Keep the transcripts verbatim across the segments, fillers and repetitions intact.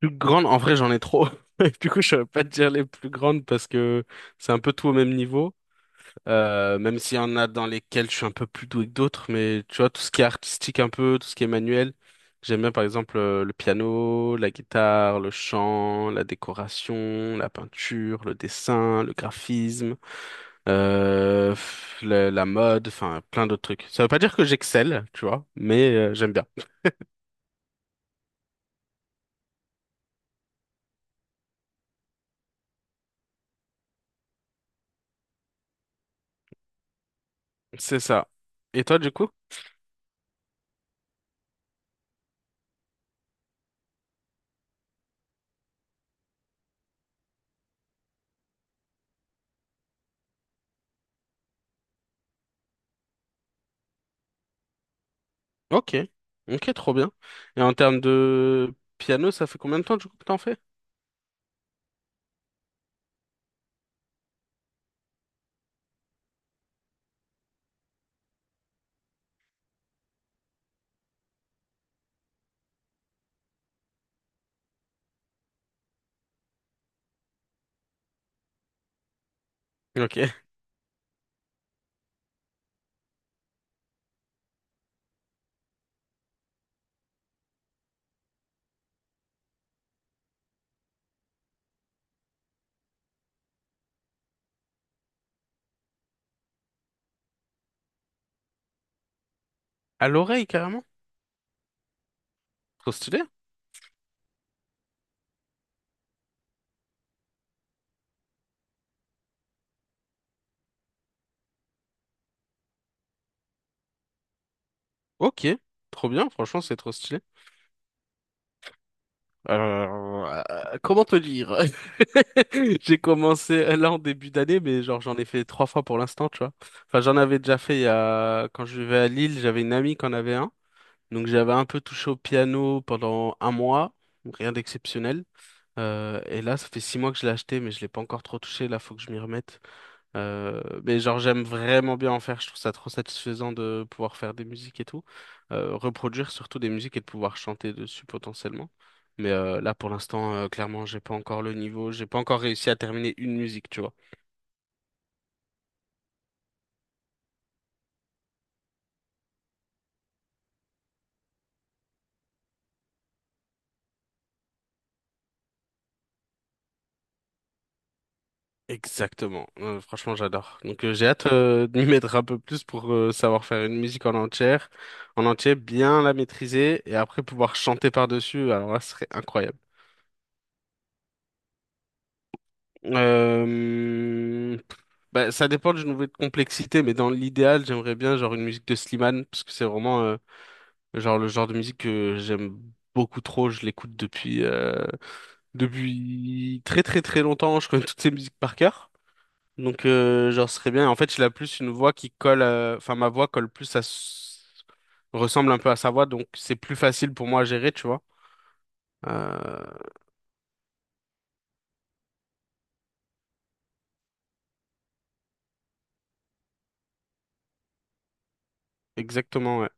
Plus grande, en vrai, j'en ai trop. Et du coup, je ne pas te dire les plus grandes parce que c'est un peu tout au même niveau. Euh, même s'il y en a dans lesquelles je suis un peu plus doué que d'autres, mais tu vois, tout ce qui est artistique un peu, tout ce qui est manuel, j'aime bien par exemple euh, le piano, la guitare, le chant, la décoration, la peinture, le dessin, le graphisme, euh, pff, la, la mode, enfin plein d'autres trucs. Ça veut pas dire que j'excelle, tu vois, mais euh, j'aime bien. C'est ça. Et toi, du coup? Ok, ok, trop bien. Et en termes de piano, ça fait combien de temps du coup que t'en fais? Ok. À l'oreille carrément? Trop stylé. Ok, trop bien, franchement c'est trop stylé. Alors, euh, comment te dire? J'ai commencé euh, là en début d'année, mais genre j'en ai fait trois fois pour l'instant, tu vois. Enfin j'en avais déjà fait il y a, quand je vivais à Lille, j'avais une amie qui en avait un. Donc j'avais un peu touché au piano pendant un mois, rien d'exceptionnel. Euh, et là, ça fait six mois que je l'ai acheté, mais je l'ai pas encore trop touché. Là, faut que je m'y remette. Euh, mais genre j'aime vraiment bien en faire, je trouve ça trop satisfaisant de pouvoir faire des musiques et tout. Euh, reproduire surtout des musiques et de pouvoir chanter dessus potentiellement. Mais euh, là pour l'instant euh, clairement j'ai pas encore le niveau, j'ai pas encore réussi à terminer une musique, tu vois. Exactement. Euh, franchement j'adore. Donc euh, j'ai hâte euh, de m'y mettre un peu plus pour euh, savoir faire une musique en entière, en entier, bien la maîtriser et après pouvoir chanter par-dessus, alors là ce serait incroyable. Euh, Bah, ça dépend du niveau de complexité, mais dans l'idéal, j'aimerais bien genre une musique de Slimane, parce que c'est vraiment euh, genre le genre de musique que j'aime beaucoup trop. Je l'écoute depuis euh, depuis très très très longtemps. Je connais toutes ses musiques par cœur, donc euh, genre ce serait bien. En fait, il a plus une voix qui colle, euh, enfin ma voix colle plus à s- ressemble un peu à sa voix, donc c'est plus facile pour moi à gérer, tu vois. Euh, Exactement. Ouais.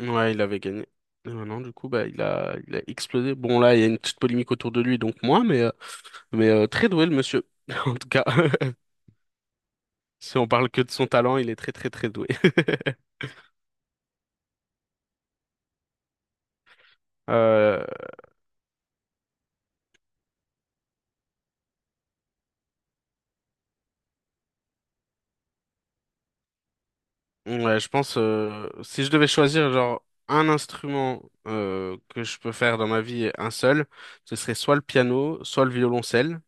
Ouais, il avait gagné. Et maintenant, du coup, bah, il a, il a explosé. Bon, là, il y a une petite polémique autour de lui, donc moi, mais, euh, mais euh, très doué, le monsieur. En tout cas, si on parle que de son talent, il est très, très, très doué. Euh, ouais, je pense. Euh, si je devais choisir, genre, un instrument euh, que je peux faire dans ma vie, un seul, ce serait soit le piano, soit le violoncelle.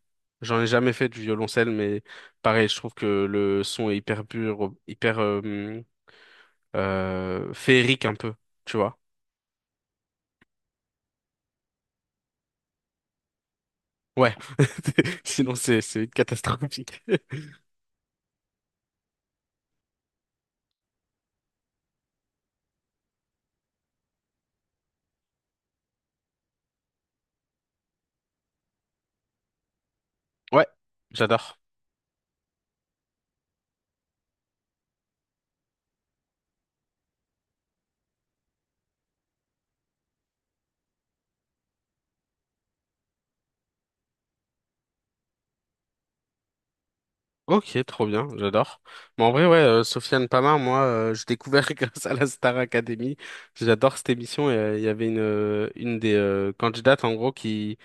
J'en ai jamais fait du violoncelle, mais pareil, je trouve que le son est hyper pur, hyper euh, euh, féerique un peu, tu vois. Ouais, sinon c'est c'est catastrophique. Ouais, j'adore. Ok, trop bien, j'adore. Mais en vrai, ouais, euh, Sofiane Pamar, moi, euh, j'ai découvert grâce à la Star Academy. J'adore cette émission. Et euh, il y avait une euh, une des euh, candidates en gros qui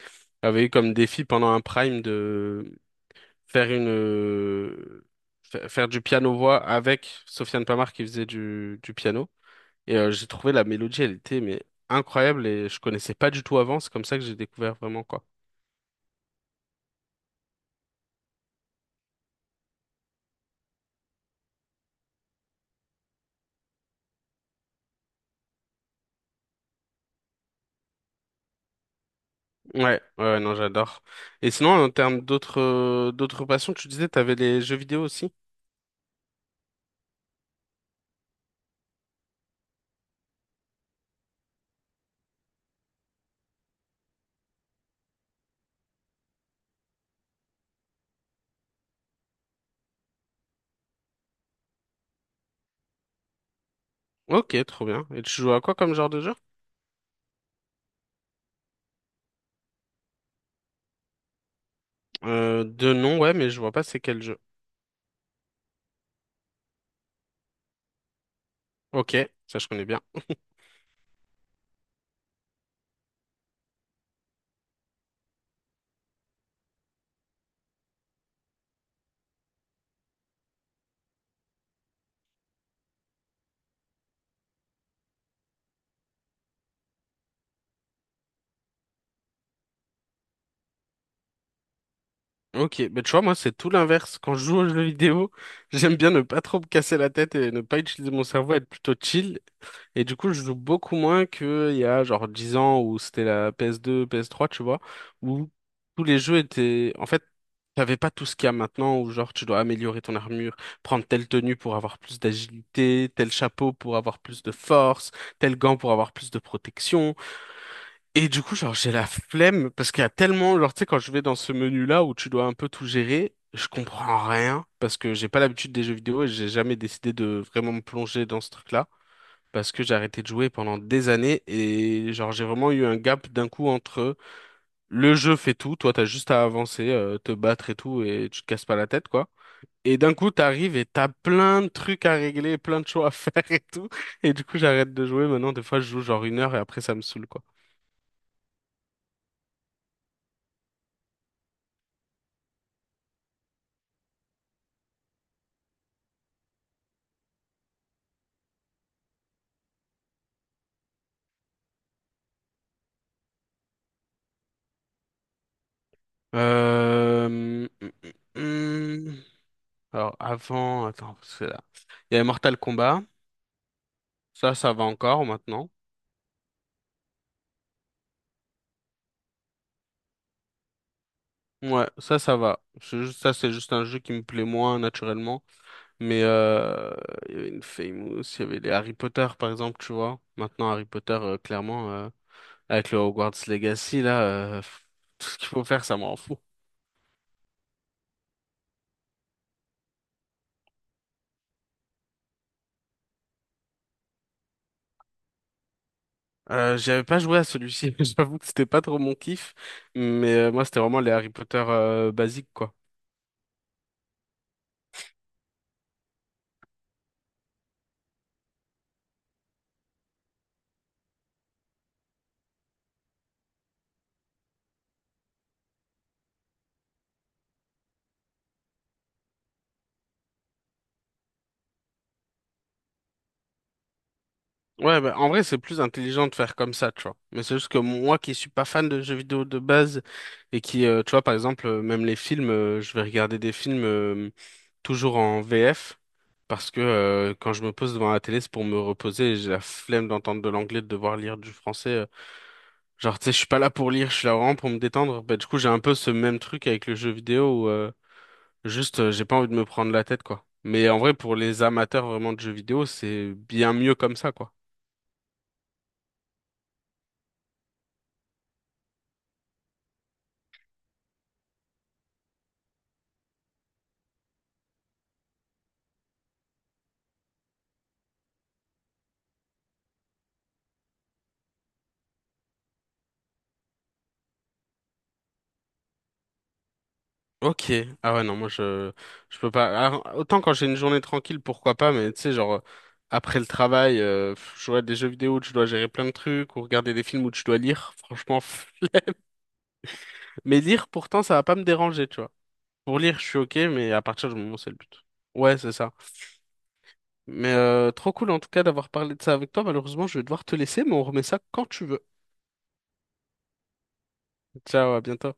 avait eu comme défi pendant un prime de faire une euh, fa- faire du piano voix avec Sofiane Pamar qui faisait du du piano. Et euh, j'ai trouvé la mélodie, elle était mais incroyable et je connaissais pas du tout avant. C'est comme ça que j'ai découvert vraiment quoi. Ouais, ouais, non, j'adore. Et sinon, en termes d'autres euh, d'autres passions, tu disais, t'avais les jeux vidéo aussi? Ok, trop bien. Et tu joues à quoi comme genre de jeu? Euh, de nom, ouais, mais je vois pas c'est quel jeu. Ok, ça je connais bien. Ok, bah tu vois, moi c'est tout l'inverse. Quand je joue aux jeux vidéo, j'aime bien ne pas trop me casser la tête et ne pas utiliser mon cerveau, être plutôt chill. Et du coup, je joue beaucoup moins qu'il y a genre dix ans où c'était la P S deux, P S trois, tu vois, où tous les jeux étaient. En fait, t'avais pas tout ce qu'il y a maintenant, où genre tu dois améliorer ton armure, prendre telle tenue pour avoir plus d'agilité, tel chapeau pour avoir plus de force, tel gant pour avoir plus de protection. Et du coup, genre, j'ai la flemme, parce qu'il y a tellement. Genre, tu sais, quand je vais dans ce menu-là où tu dois un peu tout gérer, je comprends rien, parce que j'ai pas l'habitude des jeux vidéo et j'ai jamais décidé de vraiment me plonger dans ce truc-là parce que j'ai arrêté de jouer pendant des années et genre j'ai vraiment eu un gap d'un coup entre le jeu fait tout, toi t'as juste à avancer, euh, te battre et tout et tu te casses pas la tête quoi. Et d'un coup t'arrives et t'as plein de trucs à régler, plein de choses à faire et tout. Et du coup j'arrête de jouer maintenant. Des fois je joue genre une heure et après ça me saoule quoi. Euh... hum, hum, hum. Alors avant, attends, parce que là, il y a Mortal Kombat. Ça, ça va encore maintenant. Ouais, ça, ça va. C'est juste- ça, c'est juste un jeu qui me plaît moins naturellement. Mais euh, il y avait une Famous, il y avait les Harry Potter par exemple, tu vois. Maintenant, Harry Potter, euh, clairement, euh, avec le Hogwarts Legacy, là, euh, pff, tout ce qu'il faut faire, ça m'en fout. Euh, j'avais pas joué à celui-ci, j'avoue que c'était pas trop mon kiff, mais euh, moi c'était vraiment les Harry Potter euh, basiques quoi. Ouais, bah, en vrai c'est plus intelligent de faire comme ça, tu vois. Mais c'est juste que moi qui suis pas fan de jeux vidéo de base et qui, euh, tu vois, par exemple, euh, même les films, euh, je vais regarder des films, euh, toujours en V F parce que euh, quand je me pose devant la télé, c'est pour me reposer et j'ai la flemme d'entendre de l'anglais, de devoir lire du français. euh. Genre, tu sais, je suis pas là pour lire, je suis là vraiment pour me détendre. Bah, du coup, j'ai un peu ce même truc avec le jeu vidéo où euh, juste euh, j'ai pas envie de me prendre la tête, quoi. Mais en vrai, pour les amateurs vraiment de jeux vidéo, c'est bien mieux comme ça, quoi. Ok. Ah ouais, non, moi je je peux pas. Alors, autant quand j'ai une journée tranquille, pourquoi pas, mais tu sais, genre après le travail, euh, pff, jouer à des jeux vidéo où je dois gérer plein de trucs, ou regarder des films où je dois lire, franchement. Pff. Mais lire, pourtant, ça va pas me déranger, tu vois. Pour lire, je suis ok, mais à partir du moment où c'est le but. Ouais, c'est ça. Mais euh, trop cool en tout cas d'avoir parlé de ça avec toi. Malheureusement, je vais devoir te laisser, mais on remet ça quand tu veux. Ciao, à bientôt.